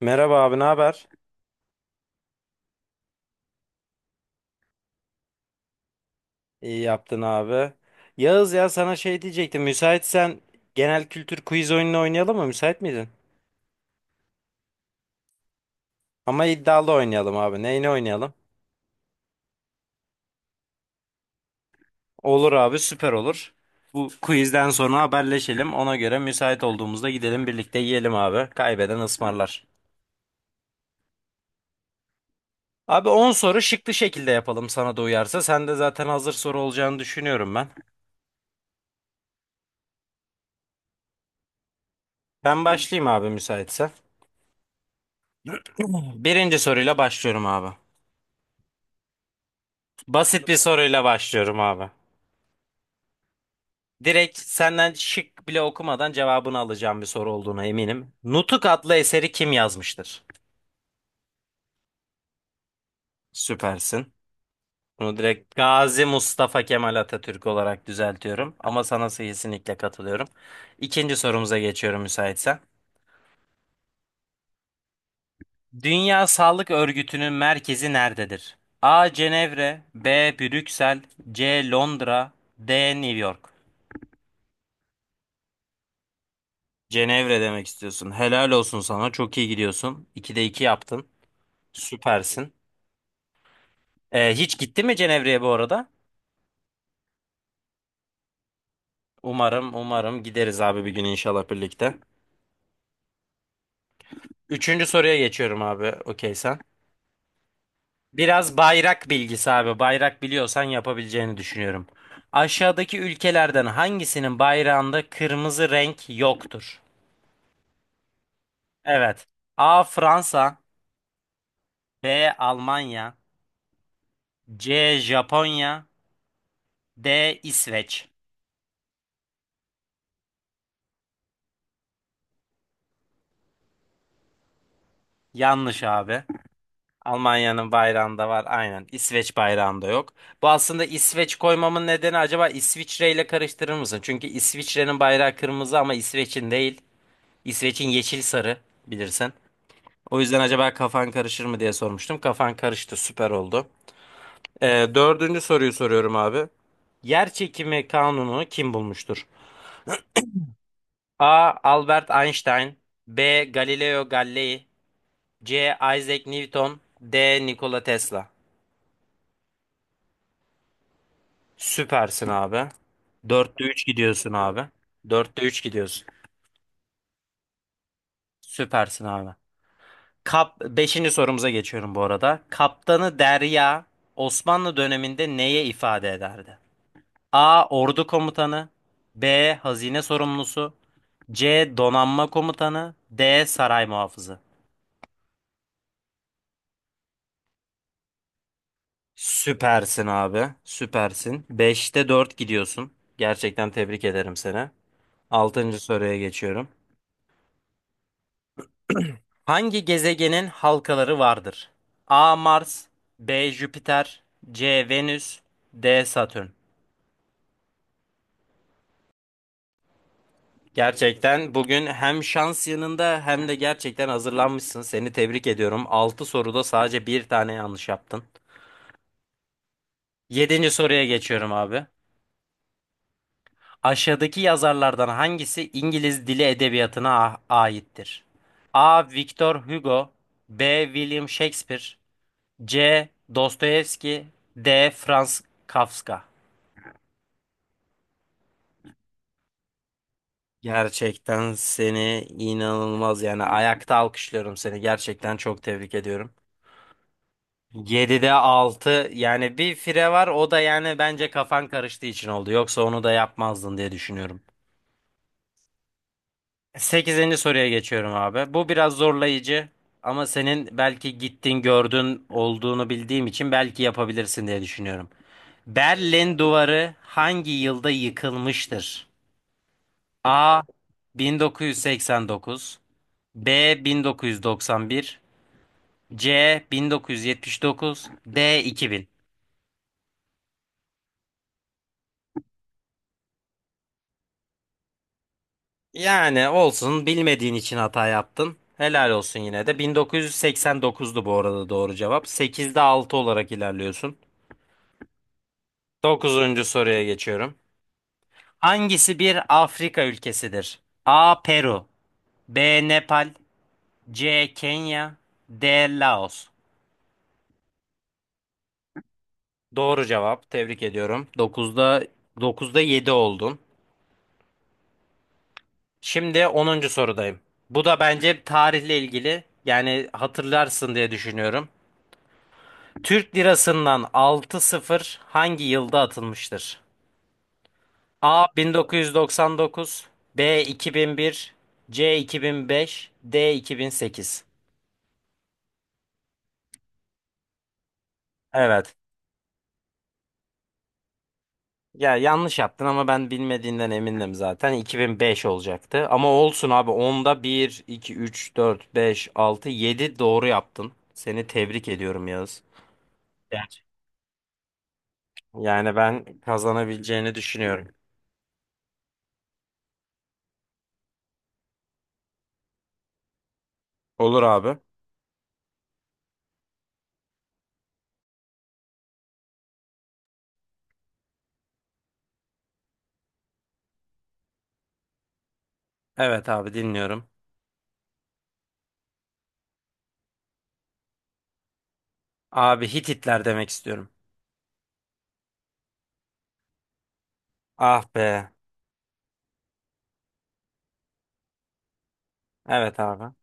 Merhaba abi, ne haber? İyi yaptın abi. Yağız ya sana şey diyecektim. Müsaitsen genel kültür quiz oyununu oynayalım mı? Müsait miydin? Ama iddialı oynayalım abi. Neyini oynayalım? Olur abi, süper olur. Bu quizden sonra haberleşelim. Ona göre müsait olduğumuzda gidelim birlikte yiyelim abi. Kaybeden ısmarlar. Abi 10 soru şıklı şekilde yapalım sana da uyarsa. Sen de zaten hazır soru olacağını düşünüyorum ben. Ben başlayayım abi müsaitse. Birinci soruyla başlıyorum abi. Basit bir soruyla başlıyorum abi. Direkt senden şık bile okumadan cevabını alacağım bir soru olduğuna eminim. Nutuk adlı eseri kim yazmıştır? Süpersin. Bunu direkt Gazi Mustafa Kemal Atatürk olarak düzeltiyorum. Ama sana kesinlikle katılıyorum. İkinci sorumuza geçiyorum müsaitsen. Dünya Sağlık Örgütü'nün merkezi nerededir? A. Cenevre, B. Brüksel, C. Londra, D. New York. Cenevre demek istiyorsun. Helal olsun sana. Çok iyi gidiyorsun. 2'de 2 yaptın. Süpersin. Hiç gitti mi Cenevre'ye bu arada? Umarım, umarım gideriz abi bir gün inşallah birlikte. Üçüncü soruya geçiyorum abi. Okey sen. Biraz bayrak bilgisi abi. Bayrak biliyorsan yapabileceğini düşünüyorum. Aşağıdaki ülkelerden hangisinin bayrağında kırmızı renk yoktur? Evet. A. Fransa, B. Almanya, C. Japonya, D. İsveç. Yanlış abi. Almanya'nın bayrağında var aynen. İsveç bayrağında yok. Bu aslında İsveç koymamın nedeni acaba İsviçre ile karıştırır mısın? Çünkü İsviçre'nin bayrağı kırmızı ama İsveç'in değil. İsveç'in yeşil sarı bilirsin. O yüzden acaba kafan karışır mı diye sormuştum. Kafan karıştı süper oldu. Ee, Dördüncü soruyu soruyorum abi. Yer çekimi kanunu kim bulmuştur? A. Albert Einstein, B. Galileo Galilei, C. Isaac Newton, D. Nikola Tesla. Süpersin abi. Dörtte 3 gidiyorsun abi. Dörtte 3 gidiyorsun. Süpersin abi. Beşinci sorumuza geçiyorum bu arada. Kaptanı Derya Osmanlı döneminde neye ifade ederdi? A. Ordu komutanı, B. Hazine sorumlusu, C. Donanma komutanı, D. Saray muhafızı. Süpersin abi. Süpersin. Beşte 4 gidiyorsun. Gerçekten tebrik ederim seni. Altıncı soruya geçiyorum. Hangi gezegenin halkaları vardır? A. Mars, B. Jüpiter, C. Venüs, D. Satürn. Gerçekten bugün hem şans yanında hem de gerçekten hazırlanmışsın. Seni tebrik ediyorum. 6 soruda sadece bir tane yanlış yaptın. Yedinci soruya geçiyorum abi. Aşağıdaki yazarlardan hangisi İngiliz dili edebiyatına aittir? A. Victor Hugo, B. William Shakespeare, C. Dostoyevski, D. Franz Kafka. Gerçekten seni inanılmaz yani ayakta alkışlıyorum seni gerçekten çok tebrik ediyorum. 7'de 6 yani bir fire var o da yani bence kafan karıştığı için oldu yoksa onu da yapmazdın diye düşünüyorum. Sekizinci soruya geçiyorum abi. Bu biraz zorlayıcı ama senin belki gittin gördün olduğunu bildiğim için belki yapabilirsin diye düşünüyorum. Berlin Duvarı hangi yılda yıkılmıştır? A 1989, B 1991, C 1979, D 2000. Yani olsun bilmediğin için hata yaptın. Helal olsun yine de. 1989'du bu arada doğru cevap. 8'de 6 olarak ilerliyorsun. 9. soruya geçiyorum. Hangisi bir Afrika ülkesidir? A. Peru, B. Nepal, C. Kenya, D. Laos. Doğru cevap. Tebrik ediyorum. 9'da 7 oldun. Şimdi onuncu sorudayım. Bu da bence tarihle ilgili. Yani hatırlarsın diye düşünüyorum. Türk lirasından 6-0 hangi yılda atılmıştır? A 1999, B 2001, C 2005, D 2008. Evet. Ya yanlış yaptın ama ben bilmediğinden emindim zaten. 2005 olacaktı. Ama olsun abi. Onda bir, 2, 3, 4, 5, 6, 7 doğru yaptın. Seni tebrik ediyorum Yağız. Yani ben kazanabileceğini düşünüyorum. Olur abi. Evet abi dinliyorum. Abi Hititler demek istiyorum. Ah be. Evet abi.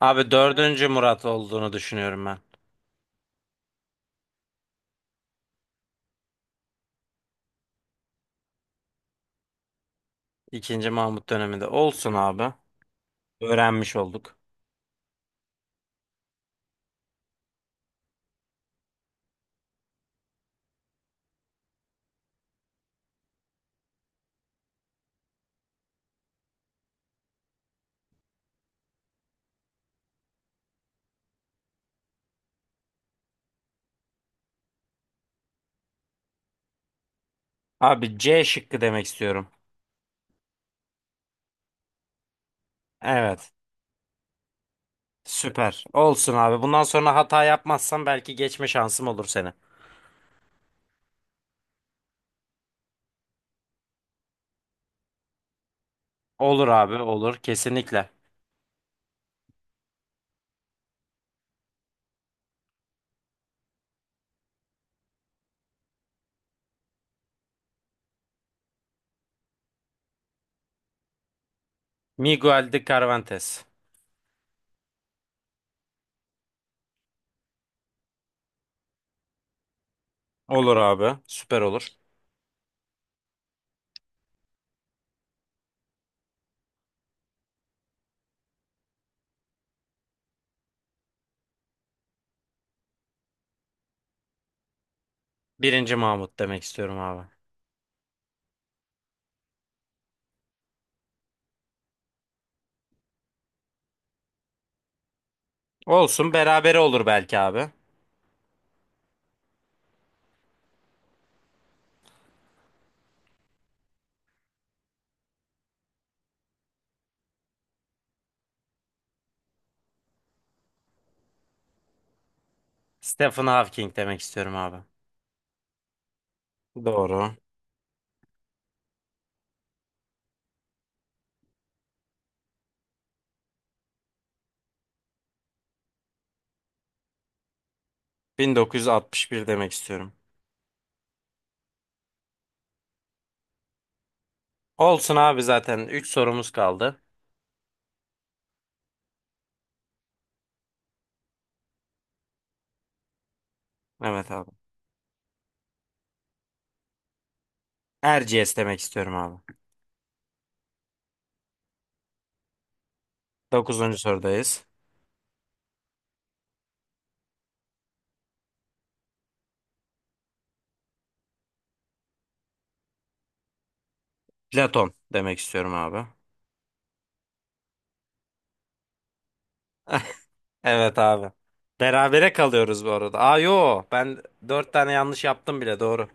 Abi dördüncü Murat olduğunu düşünüyorum ben. İkinci Mahmut döneminde. Olsun abi. Öğrenmiş olduk. Abi C şıkkı demek istiyorum. Evet. Süper. Olsun abi. Bundan sonra hata yapmazsam belki geçme şansım olur seni. Olur abi olur. Kesinlikle. Miguel de Cervantes. Olur abi. Süper olur. Birinci Mahmut demek istiyorum abi. Olsun berabere olur belki abi. Stephen Hawking demek istiyorum abi. Doğru. 1961 demek istiyorum. Olsun abi zaten 3 sorumuz kaldı. Evet abi. Erciyes demek istiyorum abi. Dokuzuncu sorudayız. Platon demek istiyorum abi. Evet abi. Berabere kalıyoruz bu arada. Aa yo ben 4 tane yanlış yaptım bile doğru.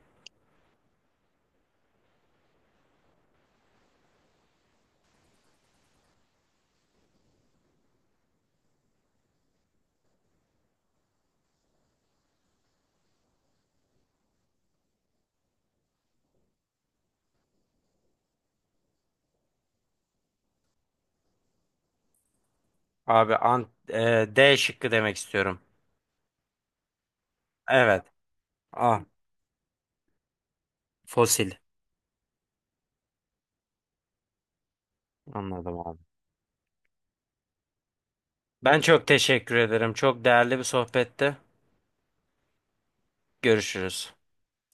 Abi D şıkkı demek istiyorum. Evet. A fosil. Anladım abi. Ben çok teşekkür ederim. Çok değerli bir sohbette. Görüşürüz.